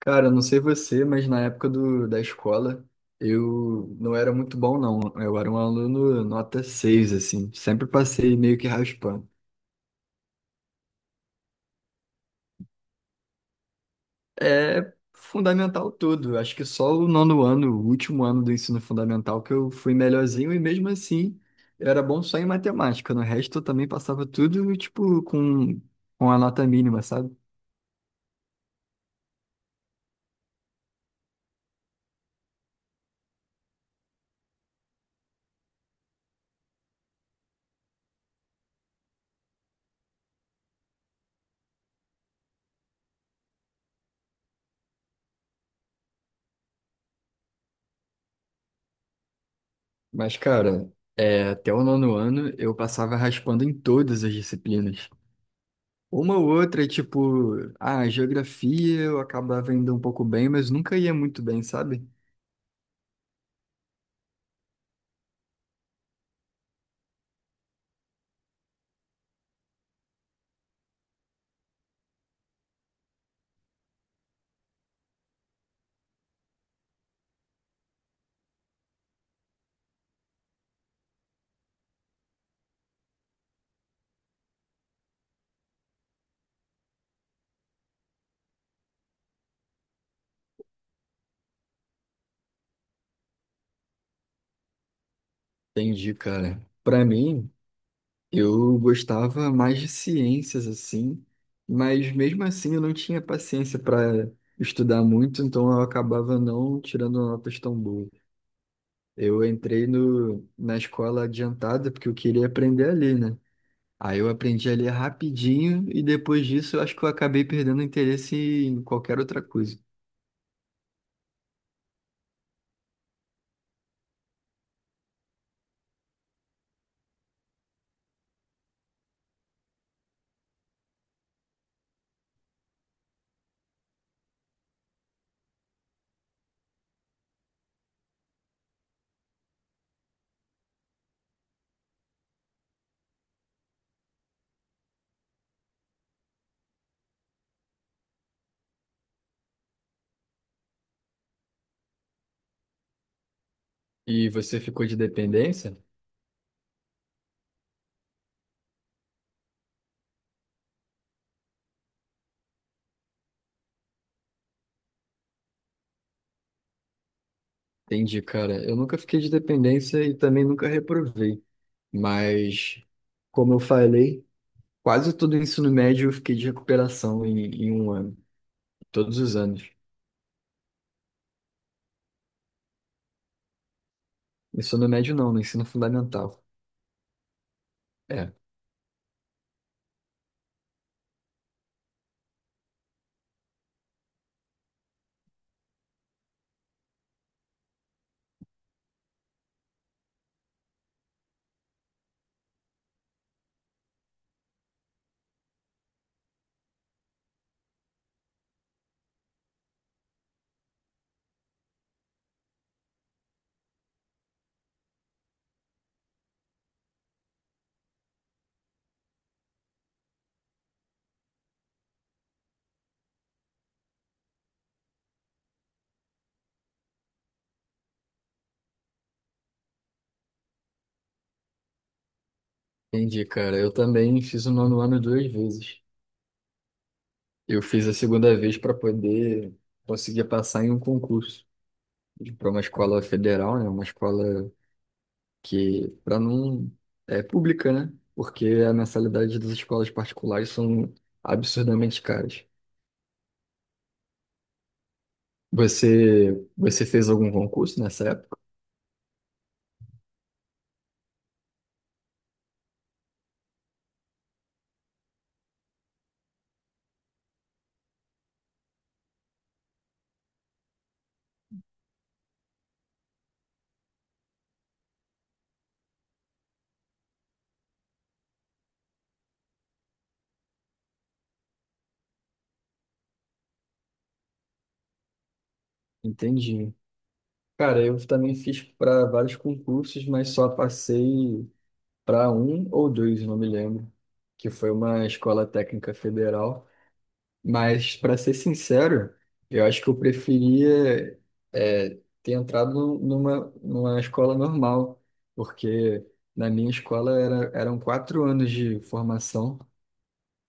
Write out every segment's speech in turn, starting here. Cara, eu não sei você, mas na época da escola eu não era muito bom, não. Eu era um aluno nota 6 assim. Sempre passei meio que raspando. É fundamental tudo. Acho que só o nono ano, o último ano do ensino fundamental, que eu fui melhorzinho e mesmo assim eu era bom só em matemática. No resto eu também passava tudo, tipo, com a nota mínima, sabe? Mas, cara, é, até o nono ano eu passava raspando em todas as disciplinas. Uma ou outra, tipo, ah, geografia eu acabava indo um pouco bem, mas nunca ia muito bem, sabe? Entendi, cara. Pra mim, eu gostava mais de ciências, assim, mas mesmo assim eu não tinha paciência pra estudar muito, então eu acabava não tirando notas tão boas. Eu entrei no, na escola adiantada porque eu queria aprender ali, né? Aí eu aprendi ali rapidinho e depois disso eu acho que eu acabei perdendo interesse em qualquer outra coisa. E você ficou de dependência? Entendi, cara. Eu nunca fiquei de dependência e também nunca reprovei. Mas, como eu falei, quase todo o ensino médio eu fiquei de recuperação em um ano, todos os anos. Ensino médio não, no ensino fundamental. É, entendi, cara. Eu também fiz o nono ano duas vezes. Eu fiz a segunda vez para poder conseguir passar em um concurso para uma escola federal, né? Uma escola que para não é pública, né? Porque a mensalidade das escolas particulares são absurdamente caras. Você fez algum concurso nessa época? Entendi. Cara, eu também fiz para vários concursos, mas só passei para um ou dois, não me lembro, que foi uma escola técnica federal. Mas, para ser sincero, eu acho que eu preferia é, ter entrado numa, numa escola normal, porque na minha escola era, eram quatro anos de formação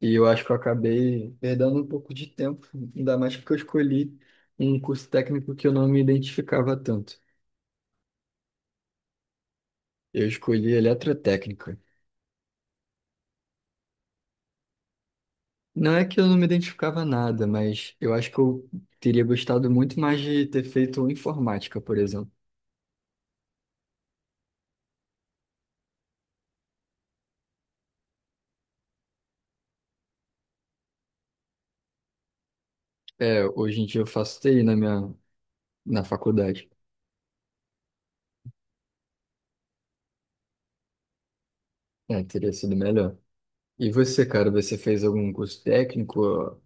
e eu acho que eu acabei perdendo um pouco de tempo, ainda mais porque eu escolhi um curso técnico que eu não me identificava tanto. Eu escolhi eletrotécnica. Não é que eu não me identificava nada, mas eu acho que eu teria gostado muito mais de ter feito informática, por exemplo. É, hoje em dia eu faço TI na na faculdade. É, teria sido melhor. E você, cara, você fez algum curso técnico?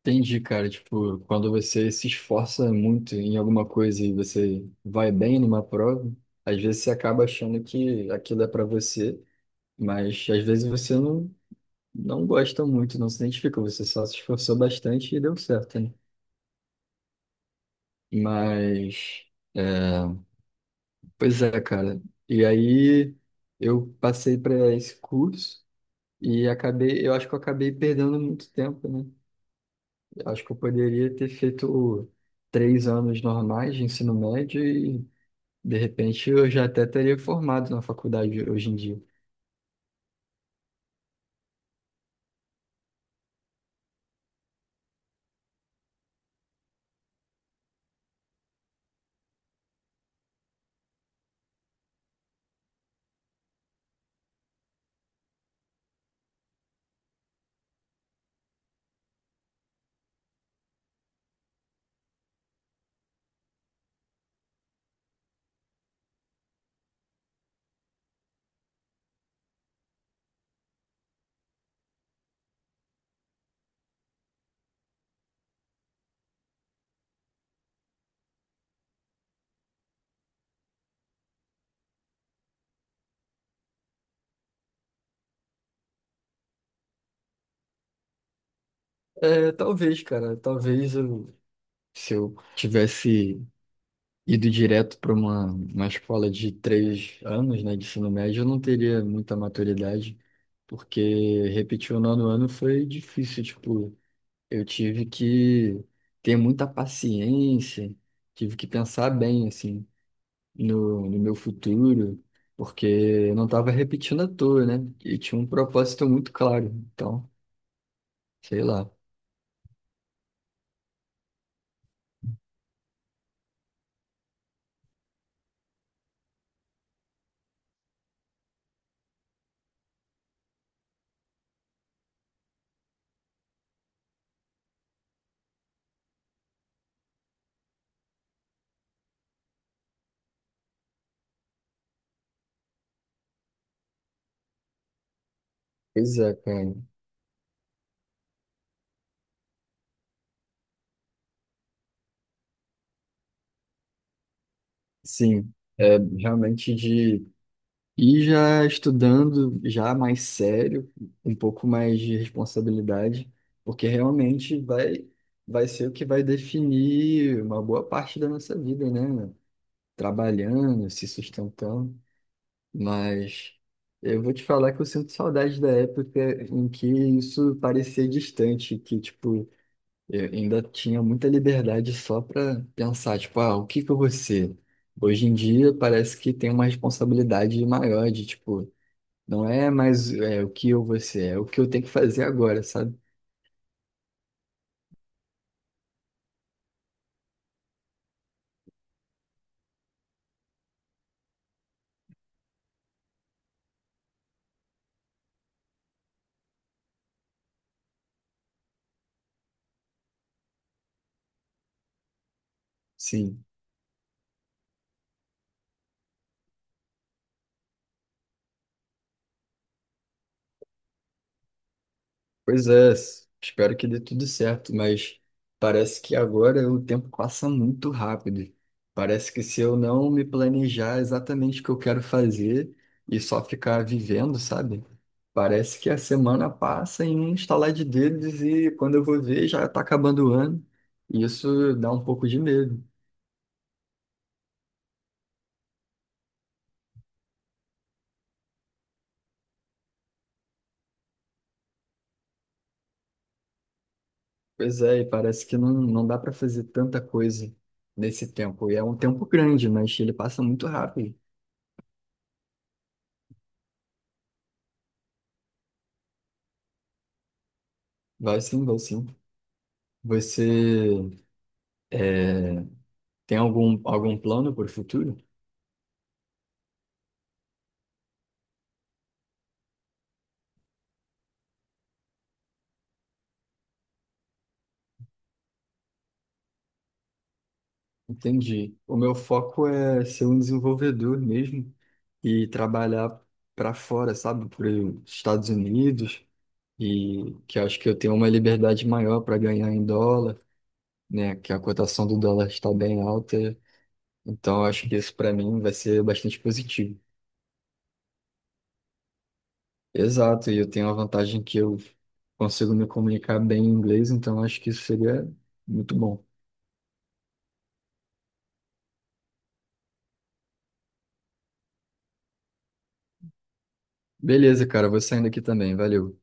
Entendi, cara, tipo, quando você se esforça muito em alguma coisa e você vai bem numa prova, às vezes você acaba achando que aquilo é para você, mas às vezes você não, não gosta muito, não se identifica, você só se esforçou bastante e deu certo, né? Mas é, pois é, cara. E aí eu passei para esse curso e acabei, eu acho que eu acabei perdendo muito tempo, né? Eu acho que eu poderia ter feito três anos normais de ensino médio e de repente eu já até teria formado na faculdade hoje em dia. É, talvez, cara, talvez eu, se eu tivesse ido direto para uma escola de três anos, né, de ensino médio, eu não teria muita maturidade, porque repetir o nono ano foi difícil, tipo, eu tive que ter muita paciência, tive que pensar bem, assim, no meu futuro, porque eu não estava repetindo à toa, né, e tinha um propósito muito claro, então, sei lá. Pois é, cara. Sim, é realmente de E já estudando, já mais sério, um pouco mais de responsabilidade, porque realmente vai, vai ser o que vai definir uma boa parte da nossa vida, né? Trabalhando, se sustentando. Mas eu vou te falar que eu sinto saudade da época em que isso parecia distante, que, tipo, eu ainda tinha muita liberdade só para pensar, tipo, ah, o que que eu vou ser? Hoje em dia parece que tem uma responsabilidade maior de, tipo, não é mais é, o que eu vou ser, é o que eu tenho que fazer agora, sabe? Sim. Pois é, espero que dê tudo certo, mas parece que agora o tempo passa muito rápido. Parece que se eu não me planejar exatamente o que eu quero fazer e só ficar vivendo, sabe? Parece que a semana passa em um estalar de dedos e quando eu vou ver já está acabando o ano. E isso dá um pouco de medo. Pois é, e parece que não, não dá para fazer tanta coisa nesse tempo. E é um tempo grande, mas ele passa muito rápido. Vai sim, vai sim. Você eh, tem algum, algum plano para o futuro? Entendi. O meu foco é ser um desenvolvedor mesmo e trabalhar para fora, sabe? Para os Estados Unidos, e que eu acho que eu tenho uma liberdade maior para ganhar em dólar, né? Que a cotação do dólar está bem alta. Então, eu acho que isso para mim vai ser bastante positivo. Exato, e eu tenho a vantagem que eu consigo me comunicar bem em inglês, então acho que isso seria muito bom. Beleza, cara, vou saindo aqui também, valeu.